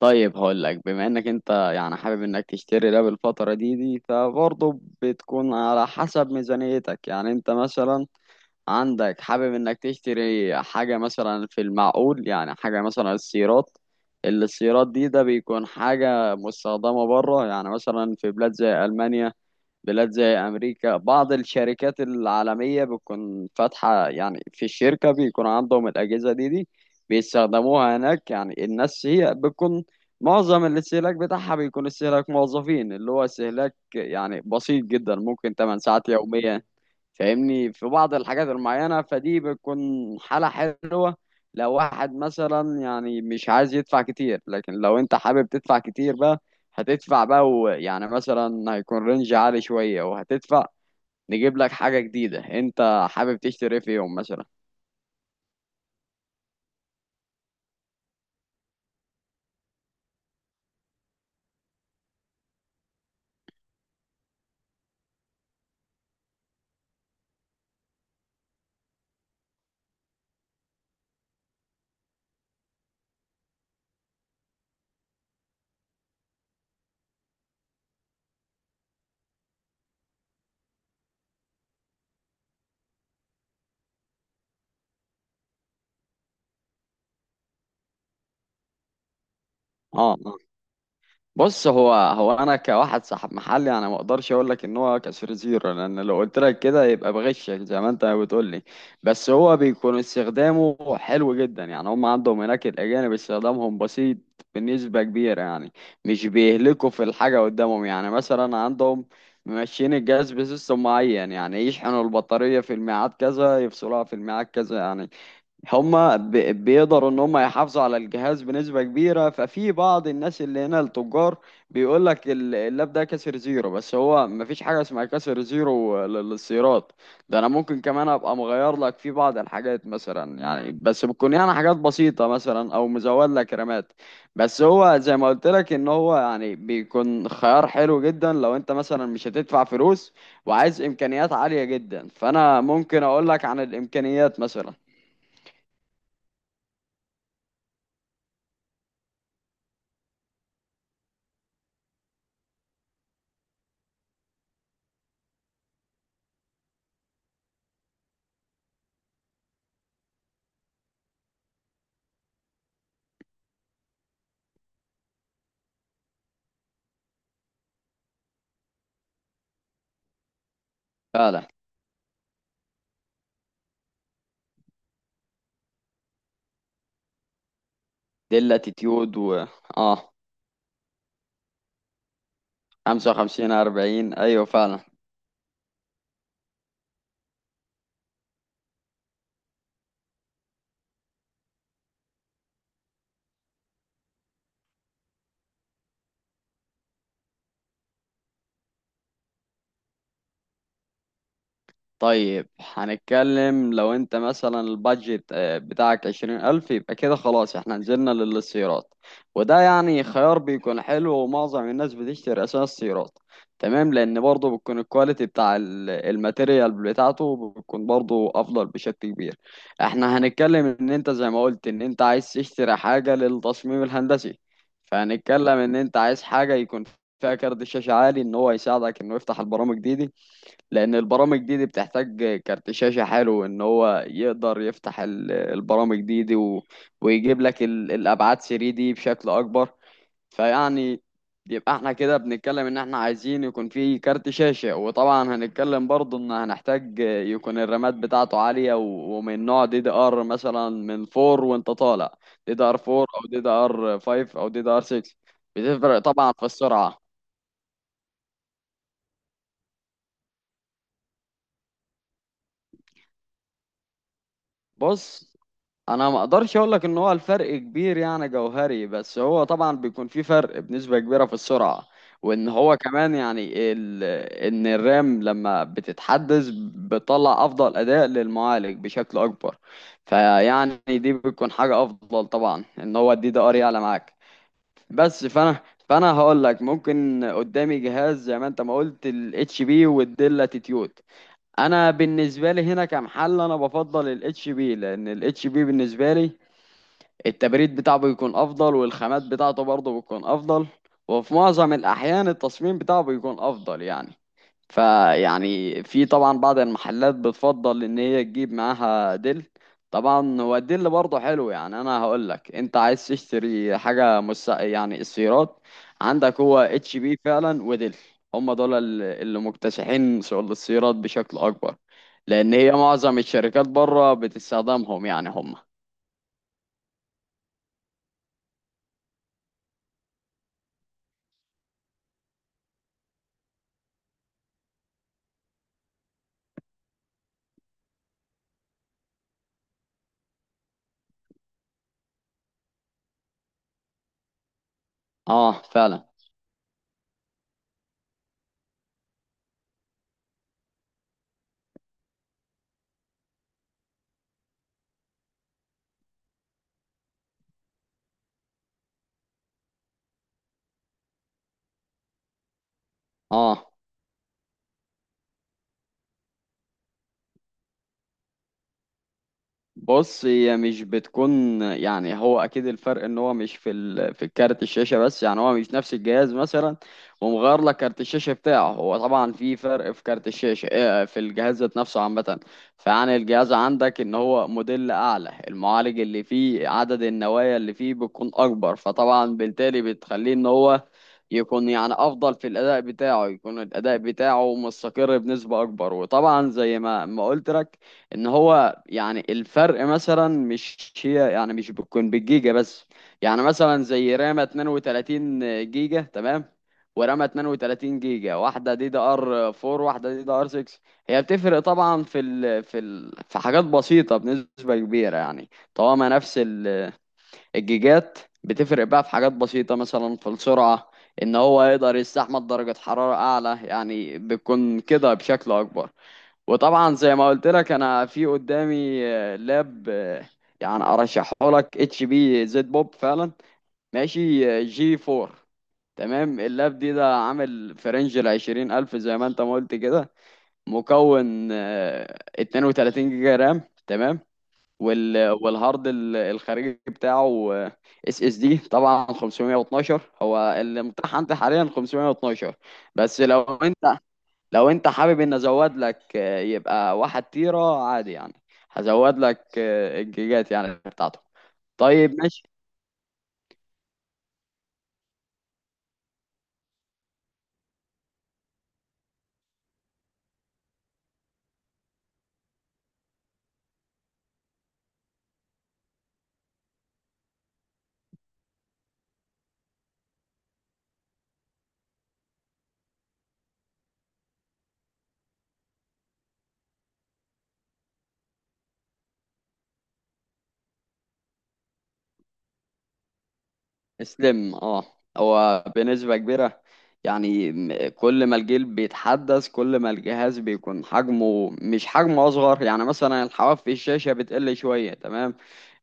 طيب هقول لك بما انك انت حابب انك تشتري ده بالفترة دي فبرضه بتكون على حسب ميزانيتك. يعني انت مثلا عندك حابب انك تشتري حاجة مثلا في المعقول، يعني حاجة مثلا السيارات دي. ده بيكون حاجة مستخدمة بره، يعني مثلا في بلاد زي ألمانيا، بلاد زي أمريكا. بعض الشركات العالمية بتكون فاتحة، يعني في الشركة بيكون عندهم الأجهزة دي بيستخدموها هناك. يعني الناس هي بتكون معظم الاستهلاك بتاعها بيكون استهلاك موظفين، اللي هو استهلاك يعني بسيط جدا، ممكن 8 ساعات يوميا. فاهمني؟ في بعض الحاجات المعينة، فدي بتكون حالة حلوة لو واحد مثلا يعني مش عايز يدفع كتير. لكن لو انت حابب تدفع كتير بقى، هتدفع بقى، ويعني مثلا هيكون رينج عالي شوية وهتدفع، نجيب لك حاجة جديدة انت حابب تشتري في يوم مثلا. اه، بص، هو انا كواحد صاحب محلي انا ما اقدرش اقول لك ان هو كسر زيرو، لان لو قلت لك كده يبقى بغشك زي ما انت بتقول لي. بس هو بيكون استخدامه حلو جدا. يعني هم عندهم هناك الاجانب استخدامهم بسيط بنسبة كبيرة يعني، مش بيهلكوا في الحاجة قدامهم. يعني مثلا عندهم ماشيين الجهاز بسيستم معين، يعني يشحنوا البطارية في الميعاد كذا، يفصلوها في الميعاد كذا. يعني هما بيقدروا ان هما يحافظوا على الجهاز بنسبة كبيرة. ففي بعض الناس اللي هنا التجار بيقول لك اللاب ده كسر زيرو. بس هو مفيش حاجة اسمها كسر زيرو للسيارات. ده انا ممكن كمان ابقى مغير لك في بعض الحاجات مثلا، يعني بس بتكون يعني حاجات بسيطة، مثلا او مزود لك رامات. بس هو زي ما قلت لك ان هو يعني بيكون خيار حلو جدا لو انت مثلا مش هتدفع فلوس وعايز امكانيات عالية جدا. فانا ممكن اقول لك عن الامكانيات مثلا. فعلا، دي الاتيتيود. و اه، 55 40، ايوه فعلا. طيب، هنتكلم لو انت مثلا البادجت بتاعك عشرين ألف، يبقى كده خلاص احنا نزلنا للسيارات. وده يعني خيار بيكون حلو، ومعظم الناس بتشتري أساس السيارات. تمام، لأن برضه بتكون الكواليتي بتاع الماتيريال بتاعته بتكون برضه أفضل بشكل كبير. احنا هنتكلم ان انت زي ما قلت ان انت عايز تشتري حاجة للتصميم الهندسي. فهنتكلم ان انت عايز حاجة يكون فيها كارت شاشة عالي، ان هو يساعدك انه يفتح البرامج دي، لان البرامج دي بتحتاج كارت شاشة حلو ان هو يقدر يفتح البرامج دي ويجيب لك الابعاد 3 دي بشكل اكبر. فيعني، يبقى احنا كده بنتكلم ان احنا عايزين يكون في كارت شاشة. وطبعا هنتكلم برضه ان هنحتاج يكون الرامات بتاعته عالية ومن نوع دي دي ار مثلا من 4 وانت طالع، دي دي ار 4 او دي دي ار 5 او دي دي ار 6. بتفرق طبعا في السرعة. بص، انا ما اقدرش اقول لك ان هو الفرق كبير يعني جوهري، بس هو طبعا بيكون في فرق بنسبة كبيرة في السرعة. وان هو كمان يعني ان الرام لما بتتحدث بتطلع افضل اداء للمعالج بشكل اكبر. فيعني دي بتكون حاجة افضل طبعا، ان هو الدي دي ار يعلى معاك. بس فانا هقول لك ممكن قدامي جهاز زي ما انت ما قلت، الاتش بي والديل اتيتيود. انا بالنسبه لي هنا كمحل انا بفضل الاتش بي، لان الاتش بي بالنسبه لي التبريد بتاعه بيكون افضل، والخامات بتاعته برضه بتكون افضل، وفي معظم الاحيان التصميم بتاعه بيكون افضل يعني. فيعني في طبعا بعض المحلات بتفضل ان هي تجيب معاها ديل. طبعا هو الديل برضه حلو. يعني انا هقول لك انت عايز تشتري يعني السيارات عندك هو اتش بي فعلا وديل. هم دول اللي مكتسحين سوق السيارات بشكل اكبر. لان هي معظم الشركات بره بتستخدمهم يعني هم. اه فعلا. اه، بص، هي مش بتكون يعني، هو اكيد الفرق ان هو مش في في الكارت الشاشه بس. يعني هو مش نفس الجهاز مثلا ومغير لك كارت الشاشه بتاعه. هو طبعا في فرق في كارت الشاشه، في الجهاز ذات نفسه عامه. فيعني الجهاز عندك ان هو موديل اعلى، المعالج اللي فيه، عدد النوايا اللي فيه بتكون اكبر. فطبعا بالتالي بتخليه ان هو يكون يعني افضل في الاداء بتاعه، يكون الاداء بتاعه مستقر بنسبه اكبر. وطبعا زي ما قلت لك ان هو يعني الفرق مثلا مش هي يعني مش بتكون بالجيجا بس. يعني مثلا زي رامة 32 جيجا تمام، ورامة 32 جيجا، واحدة دي دي ار 4 واحدة دي دي ار 6. هي بتفرق طبعا في حاجات بسيطة بنسبة كبيرة يعني. طالما نفس الجيجات، بتفرق بقى في حاجات بسيطة مثلا في السرعة، ان هو يقدر يستحمل درجة حرارة اعلى يعني، بتكون كده بشكل اكبر. وطبعا زي ما قلت لك، انا في قدامي لاب، يعني ارشحه لك، اتش بي زد بوب فعلا، ماشي، جي 4 تمام. اللاب دي ده عامل في رينج ال 20,000 زي ما انت ما قلت كده، مكون 32 جيجا رام تمام. وال، والهارد الخارجي بتاعه اس اس دي طبعا 512، هو اللي متاح عندي حاليا 512. بس لو انت، حابب ان ازود لك، يبقى واحد تيرة عادي يعني، هزود لك الجيجات يعني بتاعته. طيب ماشي. اسلم اه. هو بنسبة كبيرة يعني كل ما الجيل بيتحدث كل ما الجهاز بيكون حجمه مش حجمه اصغر. يعني مثلا الحواف في الشاشة بتقل شوية تمام.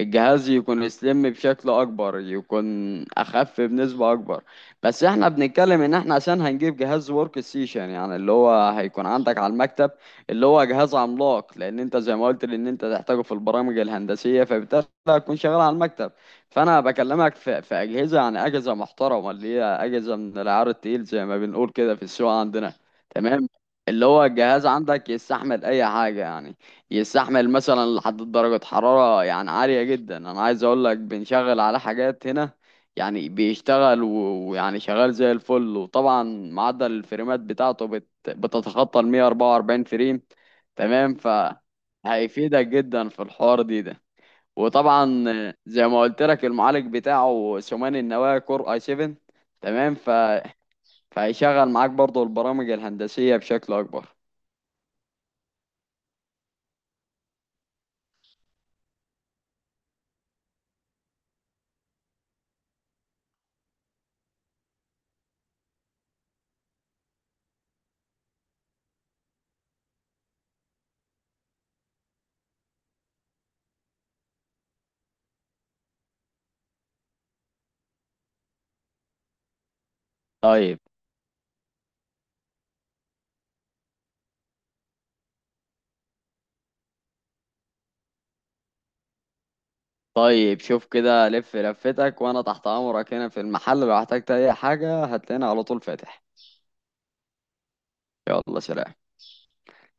الجهاز يكون سليم بشكل اكبر، يكون اخف بنسبة اكبر. بس احنا بنتكلم ان احنا عشان هنجيب جهاز ورك ستيشن، يعني اللي هو هيكون عندك على المكتب اللي هو جهاز عملاق، لان انت زي ما قلت لان انت تحتاجه في البرامج الهندسية. فبالتالي هتكون شغال على المكتب. فانا بكلمك في اجهزة، يعني اجهزة محترمة، اللي هي اجهزة من العيار التقيل زي ما بنقول كده في السوق عندنا. تمام، اللي هو الجهاز عندك يستحمل اي حاجة يعني. يستحمل مثلا لحد درجة حرارة يعني عالية جدا. انا عايز اقول لك بنشغل على حاجات هنا، يعني بيشتغل ويعني شغال زي الفل. وطبعا معدل الفريمات بتاعته بتتخطى ال 144 فريم. تمام ف، هيفيدك جدا في الحوار ده. وطبعا زي ما قلت لك المعالج بتاعه ثماني النواة، كور اي 7 تمام فهيشغل معاك برضو البرامج الهندسية بشكل اكبر. طيب. طيب شوف كده، لف لفتك وانا تحت امرك هنا في المحل. لو احتجت اي حاجة هتلاقيني على طول فاتح. يلا سلام.